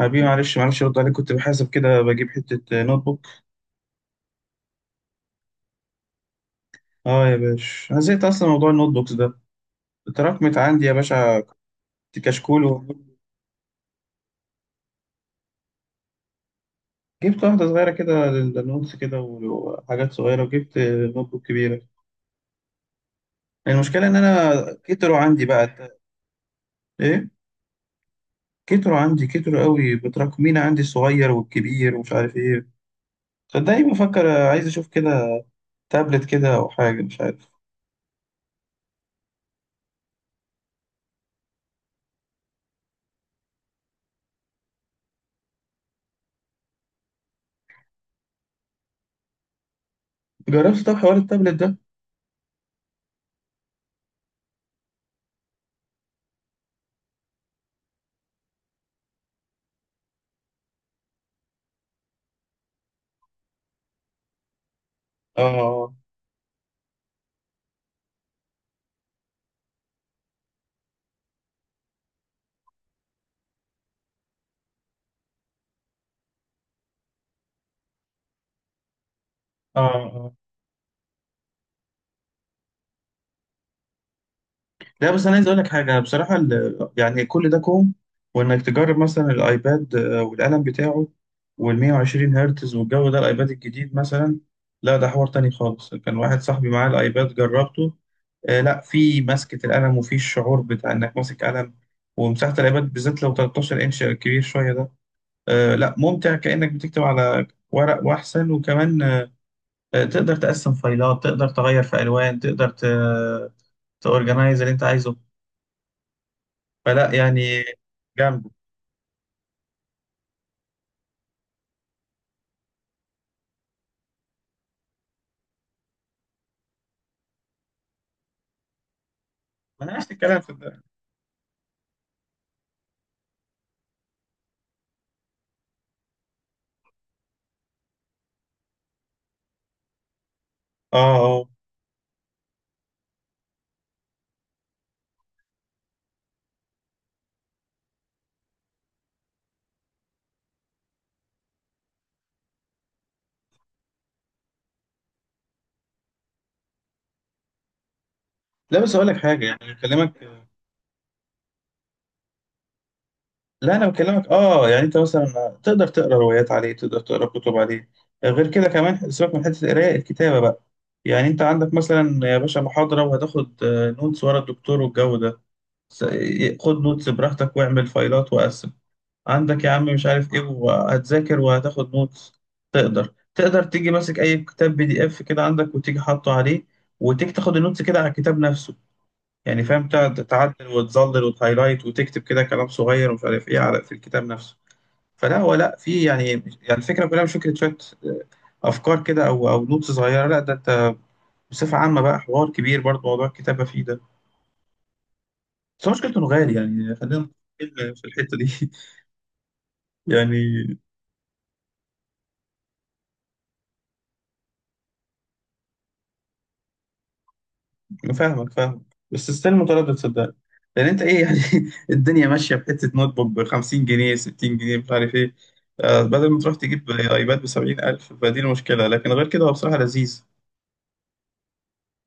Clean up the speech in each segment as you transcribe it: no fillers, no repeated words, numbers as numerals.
حبيبي، معلش معلش ارد عليك، كنت بحاسب كده بجيب حتة نوت بوك. اه يا باشا، انا زهقت اصلا من موضوع النوت بوكس ده. اتراكمت عندي يا باشا، كنت كشكول جبت واحدة صغيرة كده للنوتس، كده وحاجات صغيرة، وجبت نوت بوك كبيرة. المشكلة ان انا كتروا عندي بقى. ايه؟ كتروا عندي، كتروا قوي، متراكمين عندي الصغير والكبير ومش عارف ايه. صدقني بفكر عايز اشوف كده تابلت كده، او حاجة مش عارف. جربت طب حوار التابلت ده؟ اه اه. آه. لا بس انا عايز اقول لك حاجه بصراحه، يعني كل ده كوم، وانك تجرب مثلا الايباد والقلم بتاعه، وال 120 هرتز والجو ده، الايباد الجديد مثلا. لا ده حوار تاني خالص، كان واحد صاحبي معاه الايباد جربته. لا، في مسكه القلم وفي الشعور بتاع انك ماسك قلم. ومساحه الايباد بالذات لو 13 انش كبير شويه ده. لا، ممتع كانك بتكتب على ورق واحسن، وكمان تقدر تقسم فايلات، تقدر تغير في الوان، تقدر تورجنايز اللي انت عايزه، فلا يعني. جامد. ما انا عايز الكلام في الدقيق. اه اه. لا بس اقول لك حاجه، يعني بكلمك. لا انا بكلمك اه، يعني انت مثلا تقدر تقرا روايات عليه، تقدر تقرا كتب عليه. غير كده كمان، سيبك من حته القرايه الكتابه بقى. يعني انت عندك مثلا يا باشا محاضره، وهتاخد نوتس ورا الدكتور والجو ده. س- خد نوتس براحتك، واعمل فايلات وقسم عندك يا عم مش عارف ايه، وهتذاكر وهتاخد نوتس. تقدر تيجي ماسك اي كتاب بي دي اف كده عندك، وتيجي حاطه عليه، وتيجي تاخد النوتس كده على الكتاب نفسه. يعني فاهم، تقعد تعدل وتظلل وتهايلايت وتكتب كده كلام صغير ومش عارف ايه على في الكتاب نفسه. فلا هو، لا في يعني. يعني الفكره كلها مش فكره شويه افكار كده، او نوتس صغيره، لا ده انت بصفه عامه بقى حوار كبير برضه موضوع الكتابه فيه ده. بس هو مشكلته انه غالي، يعني خلينا متفقين في الحته دي. يعني. فاهمك فاهمك، بس ستيل متردد صدقني. لان انت ايه يعني، الدنيا ماشيه بحته نوت بوك ب 50 جنيه 60 جنيه مش عارف ايه. بدل ما تروح تجيب ايباد ب 70,000، فدي المشكله، لكن غير كده هو بصراحه لذيذ.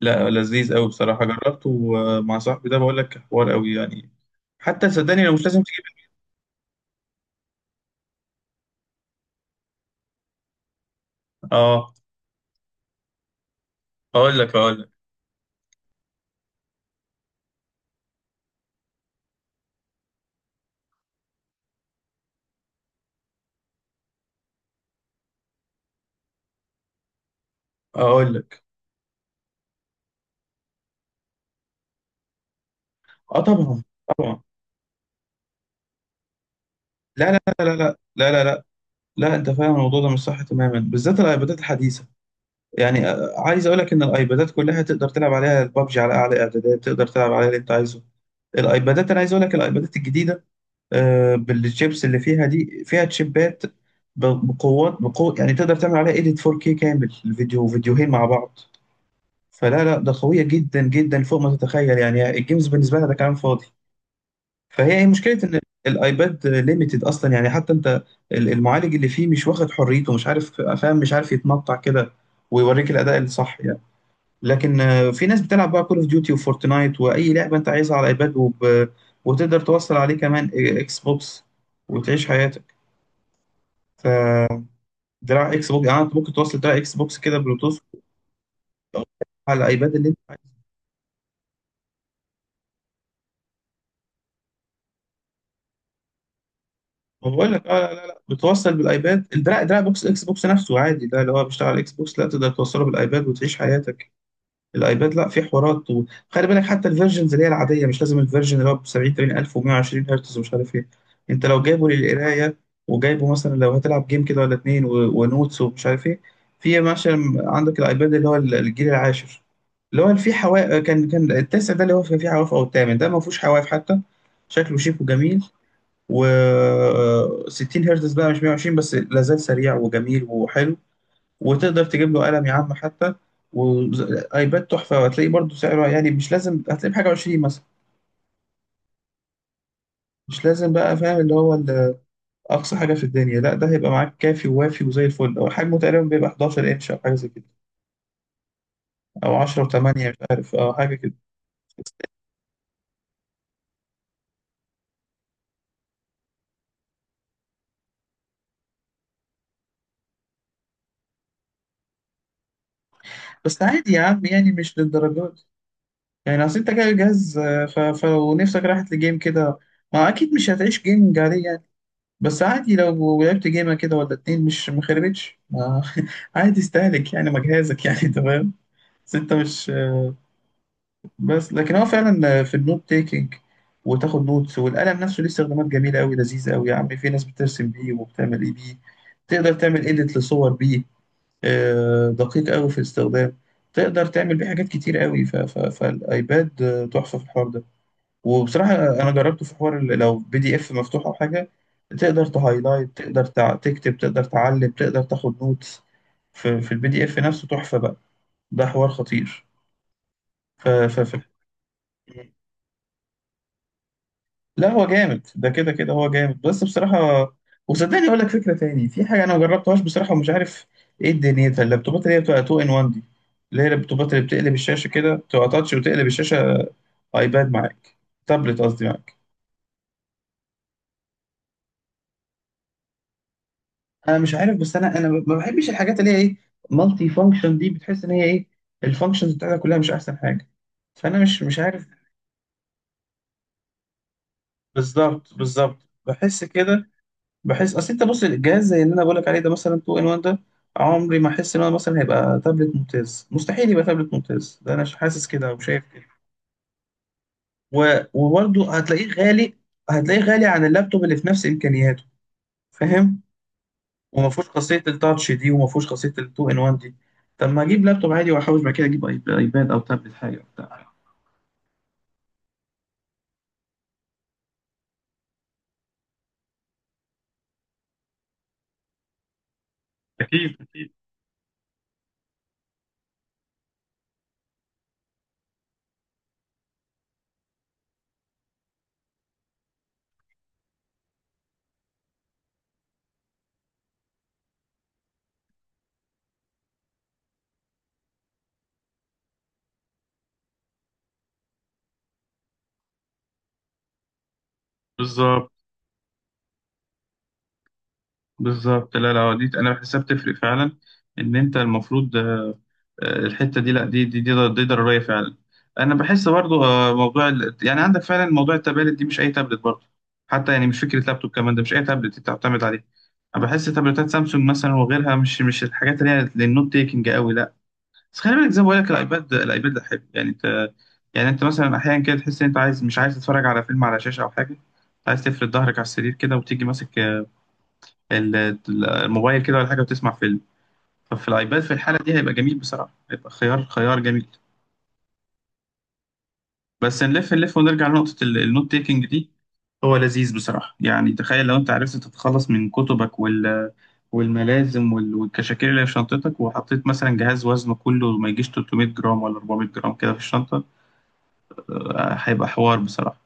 لا، لذيذ قوي بصراحه جربته مع صاحبي ده، بقول لك حوار قوي يعني. حتى صدقني لو مش لازم تجيب. اه، اقول لك اقول لك اقول لك. اه، طبعا طبعا، لا لا لا لا لا لا لا لا. لا، انت فاهم الموضوع ده مش صح تماما، بالذات الايبادات الحديثه. يعني عايز اقول لك ان الايبادات كلها تقدر تلعب عليها البابجي على اعلى اعدادات، تقدر تلعب عليها اللي انت عايزه. الايبادات، انا عايز اقول لك الايبادات الجديده، بالشيبس اللي فيها دي، فيها تشيبات بقوات بقوة يعني، تقدر تعمل عليها ايديت 4K كامل الفيديو فيديوهين مع بعض. فلا لا، ده قويه جدا جدا فوق ما تتخيل، يعني الجيمز بالنسبه لها ده كلام فاضي. فهي مشكله ان الايباد ليميتد اصلا يعني، حتى انت المعالج اللي فيه مش واخد حريته، مش عارف فاهم، مش عارف يتنطع كده، ويوريك الاداء الصح يعني. لكن في ناس بتلعب بقى كول اوف ديوتي وفورتنايت، واي لعبه انت عايزها على الايباد وتقدر توصل عليه كمان اكس بوكس، وتعيش حياتك. فدراع اكس بوكس، يعني انت ممكن توصل دراع اكس بوكس كده بلوتوث على الايباد اللي انت عايزه. ما بقول لك اه، لا لا لا، بتوصل بالايباد الدراع دراع بوكس الاكس بوكس نفسه عادي، ده اللي هو بيشتغل على الاكس بوكس، لا تقدر توصله بالايباد وتعيش حياتك. الايباد، لا في حوارات، وخلي بالك حتى الفيرجنز اللي هي العاديه، مش لازم الفيرجن اللي هو ب 70 80 الف و120 هرتز ومش عارف ايه. انت لو جايبه للقرايه، وجايبه مثلا لو هتلعب جيم كده ولا اتنين ونوتس ومش عارف ايه، في مثلا عندك الايباد اللي هو الجيل العاشر، اللي هو في حواف، كان التاسع ده اللي هو كان فيه حواف، او الثامن ده ما فيهوش حواف حتى، شكله شيك وجميل، و 60 هرتز بقى مش 120، بس لا زال سريع وجميل وحلو، وتقدر تجيب له قلم يا عم حتى. وايباد تحفه، وهتلاقيه برضو سعره يعني مش لازم، هتلاقيه بحاجه 20 مثلا، مش لازم بقى، فاهم اللي هو اقصى حاجه في الدنيا، لا ده هيبقى معاك كافي ووافي وزي الفل، هو حجمه تقريبا بيبقى 11 انش او حاجه زي كده، او 10 و8 مش عارف او حاجه كده. بس عادي يا عم يعني مش للدرجات دي. يعني اصل انت جايب جهاز، فلو نفسك راحت لجيم كده، ما اكيد مش هتعيش جيمنج عليه يعني. بس عادي لو لعبت جيمة كده ولا اتنين، مش ما خربتش عادي استهلك يعني ما جهازك يعني، تمام. بس انت مش. بس لكن هو فعلا في النوت تيكينج، وتاخد نوتس، والقلم نفسه ليه استخدامات جميلة أوي، لذيذة أوي يا عم، في ناس بترسم بيه وبتعمل إيه بيه. تقدر تعمل إيديت لصور بيه، دقيق أوي في الاستخدام. تقدر تعمل بيه حاجات كتير أوي، فالأيباد تحفة في الحوار ده. وبصراحة أنا جربته في حوار لو بي دي إف مفتوح أو حاجة، تقدر تهايلايت، تقدر تكتب، تقدر تعلم، تقدر تاخد نوتس في, في البي دي إف نفسه، تحفة بقى. ده حوار خطير. ف... ف... ف... لا هو جامد، ده كده كده هو جامد بس بصراحة. وصدقني أقول لك فكرة تاني، في حاجة أنا ما جربتهاش بصراحة ومش عارف إيه دنيتها، اللابتوبات اللي هي بتبقى 2 إن 1 دي، اللي هي اللابتوبات اللي بتقلب الشاشة كده، تبقى تاتش وتقلب الشاشة. أيباد معاك، تابلت قصدي معاك. انا مش عارف، بس انا ما بحبش الحاجات اللي هي ايه، مالتي فانكشن دي، بتحس ان هي ايه، الفانكشنز بتاعتها كلها مش احسن حاجه، فانا مش عارف. بالظبط بالظبط، بحس كده. بحس اصل انت بص الجهاز زي اللي انا بقول لك عليه ده مثلا 2 ان 1 ده، عمري ما احس ان هو مثلا هيبقى تابلت ممتاز، مستحيل يبقى تابلت ممتاز ده، انا مش حاسس كده وشايف كده. وبرضه هتلاقيه غالي، هتلاقيه غالي عن اللابتوب اللي في نفس امكانياته، فاهم. وما فيهوش خاصيه التاتش دي، وما فيهوش خاصيه التو ان وان دي. طب ما اجيب لابتوب عادي واحوش، بعد كده اجيب ايباد او تابلت حاجه وبتاع. أكيد أكيد. بالظبط بالظبط، لا لا، دي أنا بحسها بتفرق فعلا. إن أنت المفروض، الحتة دي، لا دي ضرورية فعلا. أنا بحس برضو موضوع يعني عندك فعلا موضوع التابلت دي، مش أي تابلت برضو، حتى يعني مش فكرة لابتوب كمان، ده مش أي تابلت أنت بتعتمد عليه. أنا بحس تابلتات سامسونج مثلا وغيرها مش الحاجات اللي هي للنوت تيكنج قوي، لا. بس خلي بالك زي ما بقول لك الايباد ده حلو يعني انت، يعني انت مثلا احيانا كده تحس ان انت عايز، مش عايز تتفرج على فيلم على شاشه او حاجه، عايز تفرد ظهرك على السرير كده وتيجي ماسك الموبايل كده ولا حاجه وتسمع فيلم. ففي الايباد في الحاله دي هيبقى جميل بصراحه، هيبقى خيار خيار جميل. بس نلف نلف ونرجع لنقطه النوت تيكنج دي. هو لذيذ بصراحه، يعني تخيل لو انت عرفت تتخلص من كتبك والملازم والكشاكيل اللي في شنطتك، وحطيت مثلا جهاز وزنه كله ما يجيش 300 جرام ولا 400 جرام كده في الشنطه، هيبقى حوار بصراحة.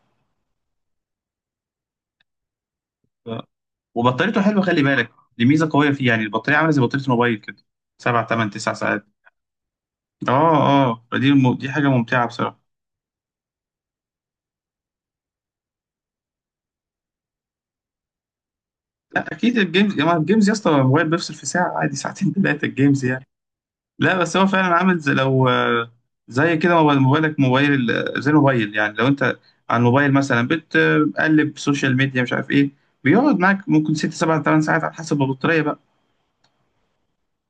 ف- وبطاريته حلوة خلي بالك، دي ميزة قوية فيه يعني، البطارية عاملة زي بطارية الموبايل كده، سبع تمن تسع ساعات. اه اه، فدي دي حاجة ممتعة بصراحة. لا أكيد، الجيمز يا جماعة، الجيمز يا اسطى، الموبايل بيفصل في ساعة عادي، ساعتين ثلاثة، الجيمز يعني. لا بس هو فعلا عامل زي لو، زي كده، موبايلك موبايل زي الموبايل يعني، لو أنت على الموبايل مثلا بتقلب سوشيال ميديا مش عارف إيه، بيقعد معاك ممكن ست سبع ثمان ساعات على حسب البطارية بقى.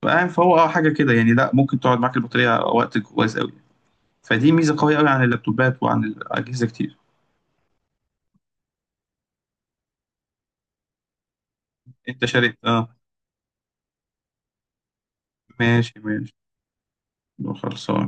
فاهم، فهو اه حاجة كده يعني، لا ممكن تقعد معاك البطارية وقت كويس قوي. فدي ميزه قويه قوي عن اللابتوبات وعن الاجهزه كتير. انت شاريت اه. ماشي ماشي. خلصان.